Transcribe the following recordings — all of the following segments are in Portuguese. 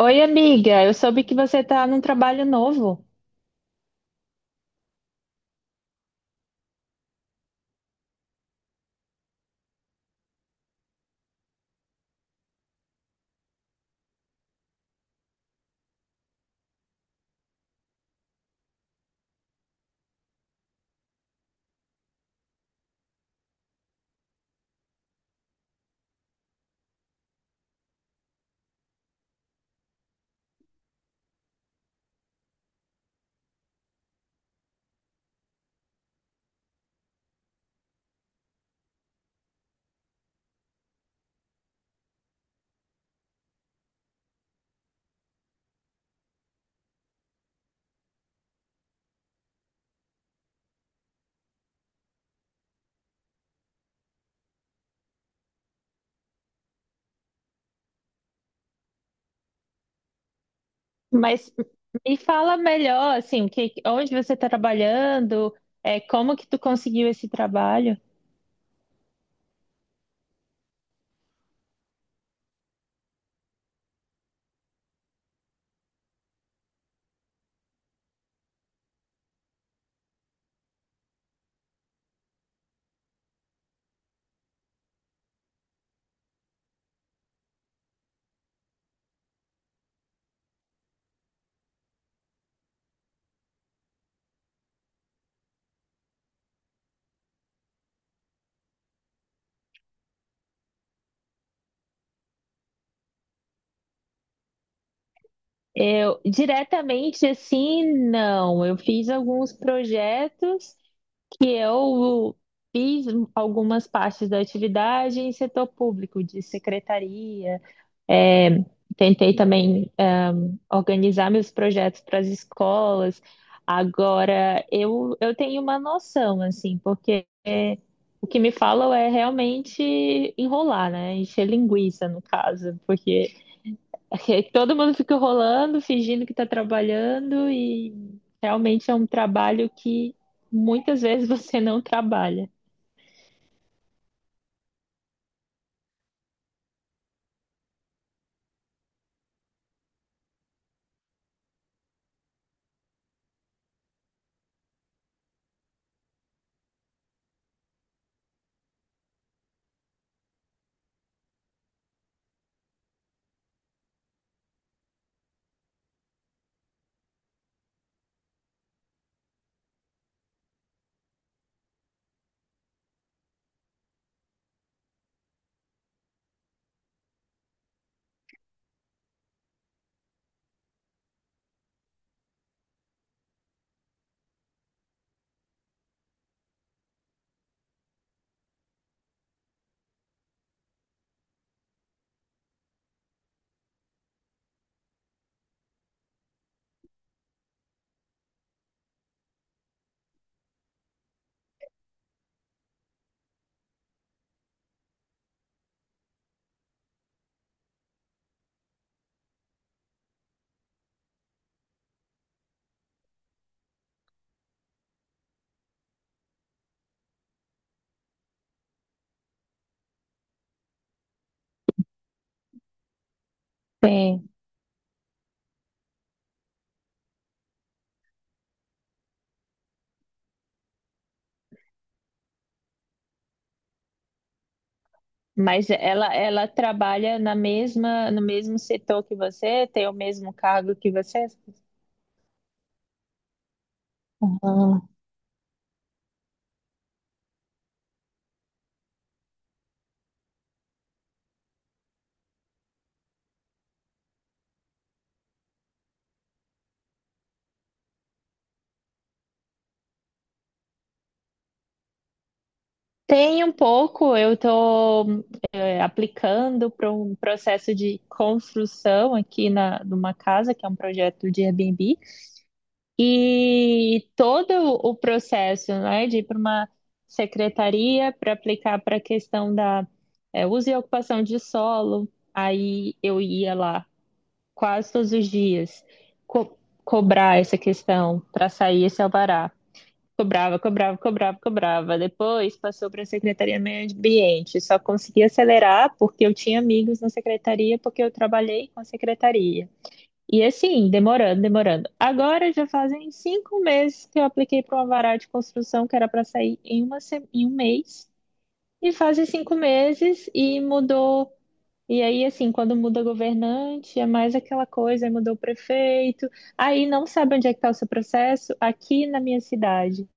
Oi, amiga, eu soube que você está num trabalho novo, mas me fala melhor, assim, que, onde você está trabalhando, como que tu conseguiu esse trabalho? Eu, diretamente, assim, não, eu fiz alguns projetos que eu fiz algumas partes da atividade em setor público, de secretaria, tentei também organizar meus projetos para as escolas. Agora, eu tenho uma noção, assim, porque é, o que me falam é realmente enrolar, né? Encher linguiça, no caso, porque todo mundo fica enrolando, fingindo que está trabalhando, e realmente é um trabalho que muitas vezes você não trabalha. Sim. Mas ela trabalha na mesma, no mesmo setor que você, tem o mesmo cargo que você? Ah, tem um pouco. Eu estou aplicando para um processo de construção aqui na, numa casa, que é um projeto de Airbnb, e todo o processo, né, de ir para uma secretaria para aplicar para a questão da uso e ocupação de solo. Aí eu ia lá quase todos os dias co- cobrar essa questão para sair esse alvará. Cobrava, cobrava, cobrava, cobrava. Depois passou para a Secretaria do Meio Ambiente. Só consegui acelerar porque eu tinha amigos na secretaria, porque eu trabalhei com a secretaria. E assim, demorando, demorando. Agora já fazem 5 meses que eu apliquei para uma vara de construção que era para sair em, uma, em 1 mês. E fazem 5 meses e mudou. E aí, assim, quando muda governante, é mais aquela coisa, aí mudou o prefeito. Aí não sabe onde é que está o seu processo. Aqui na minha cidade.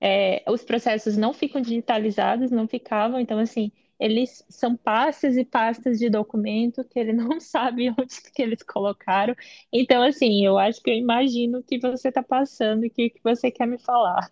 É, os processos não ficam digitalizados, não ficavam, então assim, eles são pastas e pastas de documento que ele não sabe onde que eles colocaram. Então, assim, eu acho que eu imagino o que você está passando e o que, que você quer me falar.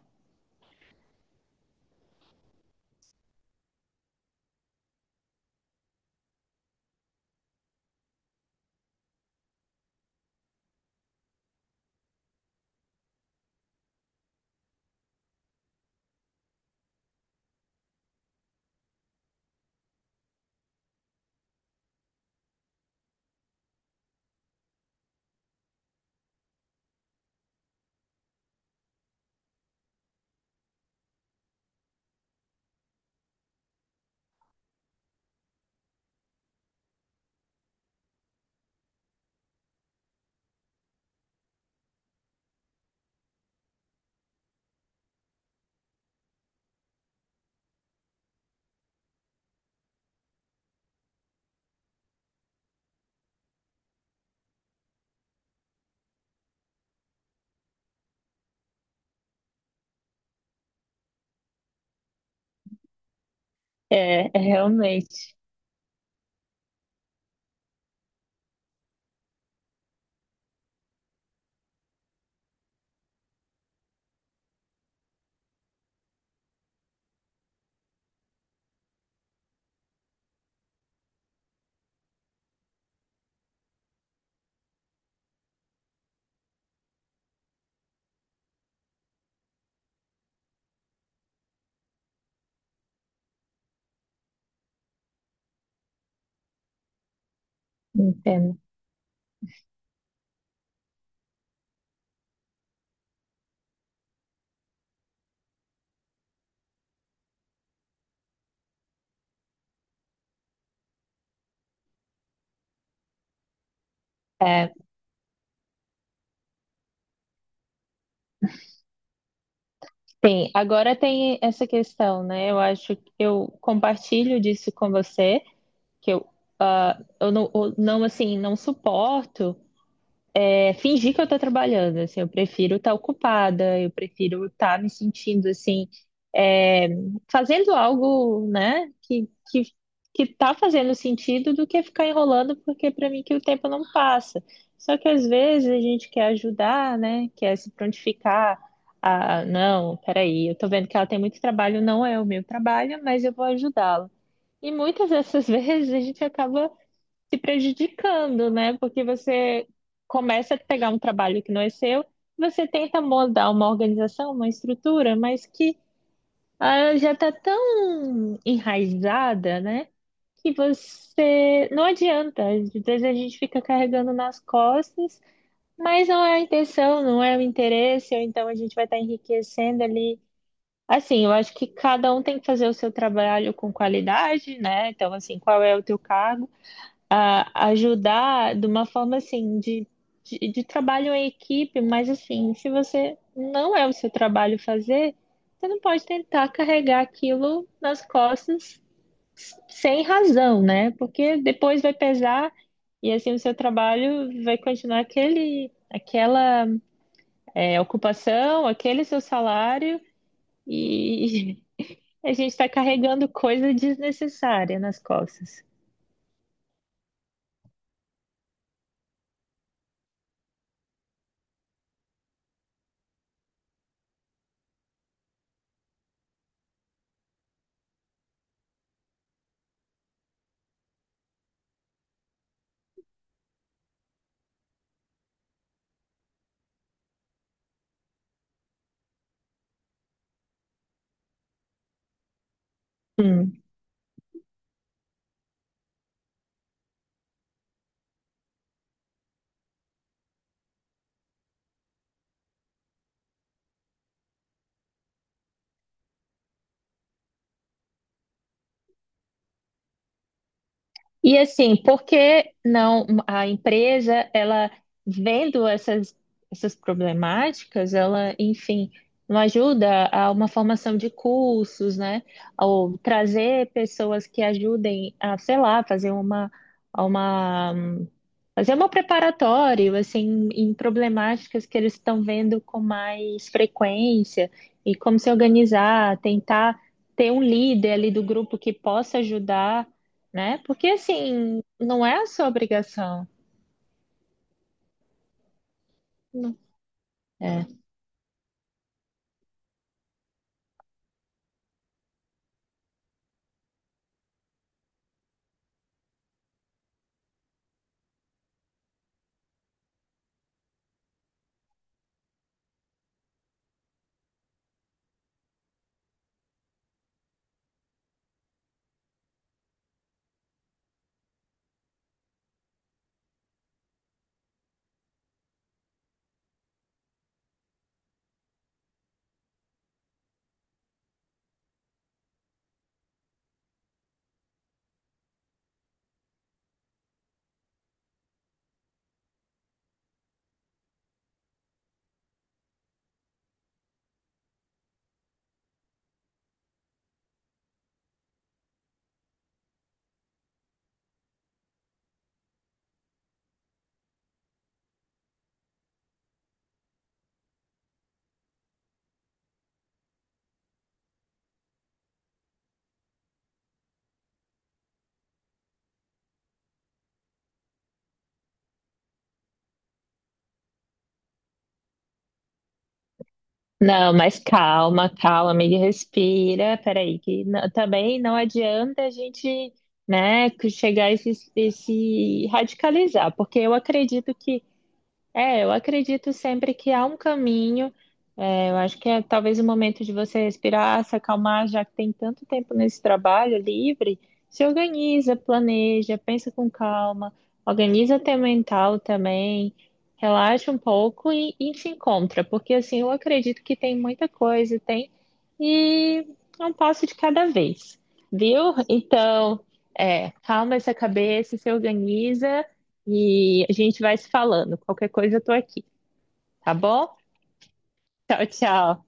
É, é realmente, entendo. É, tem, agora tem essa questão, né? Eu acho que eu compartilho disso com você, que eu, ah, eu não, assim, não suporto fingir que eu tô trabalhando. Assim, eu prefiro estar ocupada, eu prefiro estar me sentindo, assim, é, fazendo algo, né, que tá fazendo sentido, do que ficar enrolando, porque para mim que o tempo não passa. Só que às vezes a gente quer ajudar, né, quer se prontificar, ah, não, peraí, eu tô vendo que ela tem muito trabalho, não é o meu trabalho, mas eu vou ajudá-la. E muitas dessas vezes a gente acaba se prejudicando, né? Porque você começa a pegar um trabalho que não é seu, você tenta moldar uma organização, uma estrutura, mas que ah, já está tão enraizada, né? Que você não adianta. Às vezes a gente fica carregando nas costas, mas não é a intenção, não é o interesse, ou então a gente vai estar enriquecendo ali. Assim, eu acho que cada um tem que fazer o seu trabalho com qualidade, né? Então, assim, qual é o teu cargo? A ajudar de uma forma assim de, de trabalho em equipe, mas assim, se você não é o seu trabalho fazer, você não pode tentar carregar aquilo nas costas sem razão, né? Porque depois vai pesar, e assim o seu trabalho vai continuar aquele, aquela ocupação, aquele seu salário, e a gente está carregando coisa desnecessária nas costas. Hum. E assim, por que não a empresa, ela vendo essas, essas problemáticas, ela, enfim, não ajuda a uma formação de cursos, né? Ou trazer pessoas que ajudem a, sei lá, fazer uma fazer um preparatório, assim, em problemáticas que eles estão vendo com mais frequência, e como se organizar, tentar ter um líder ali do grupo que possa ajudar, né? Porque, assim, não é a sua obrigação. Não, é. Não, mas calma, calma, amiga, respira. Peraí, que também não adianta a gente, né, que chegar e se radicalizar, porque eu acredito que... É, eu acredito sempre que há um caminho. É, eu acho que é talvez o momento de você respirar, se acalmar, já que tem tanto tempo nesse trabalho livre. Se organiza, planeja, pensa com calma, organiza teu mental também, relaxa um pouco e se encontra, porque assim eu acredito que tem muita coisa, tem, e é um passo de cada vez, viu? Então, é, calma essa cabeça, se organiza. E a gente vai se falando. Qualquer coisa eu tô aqui, tá bom? Tchau, tchau.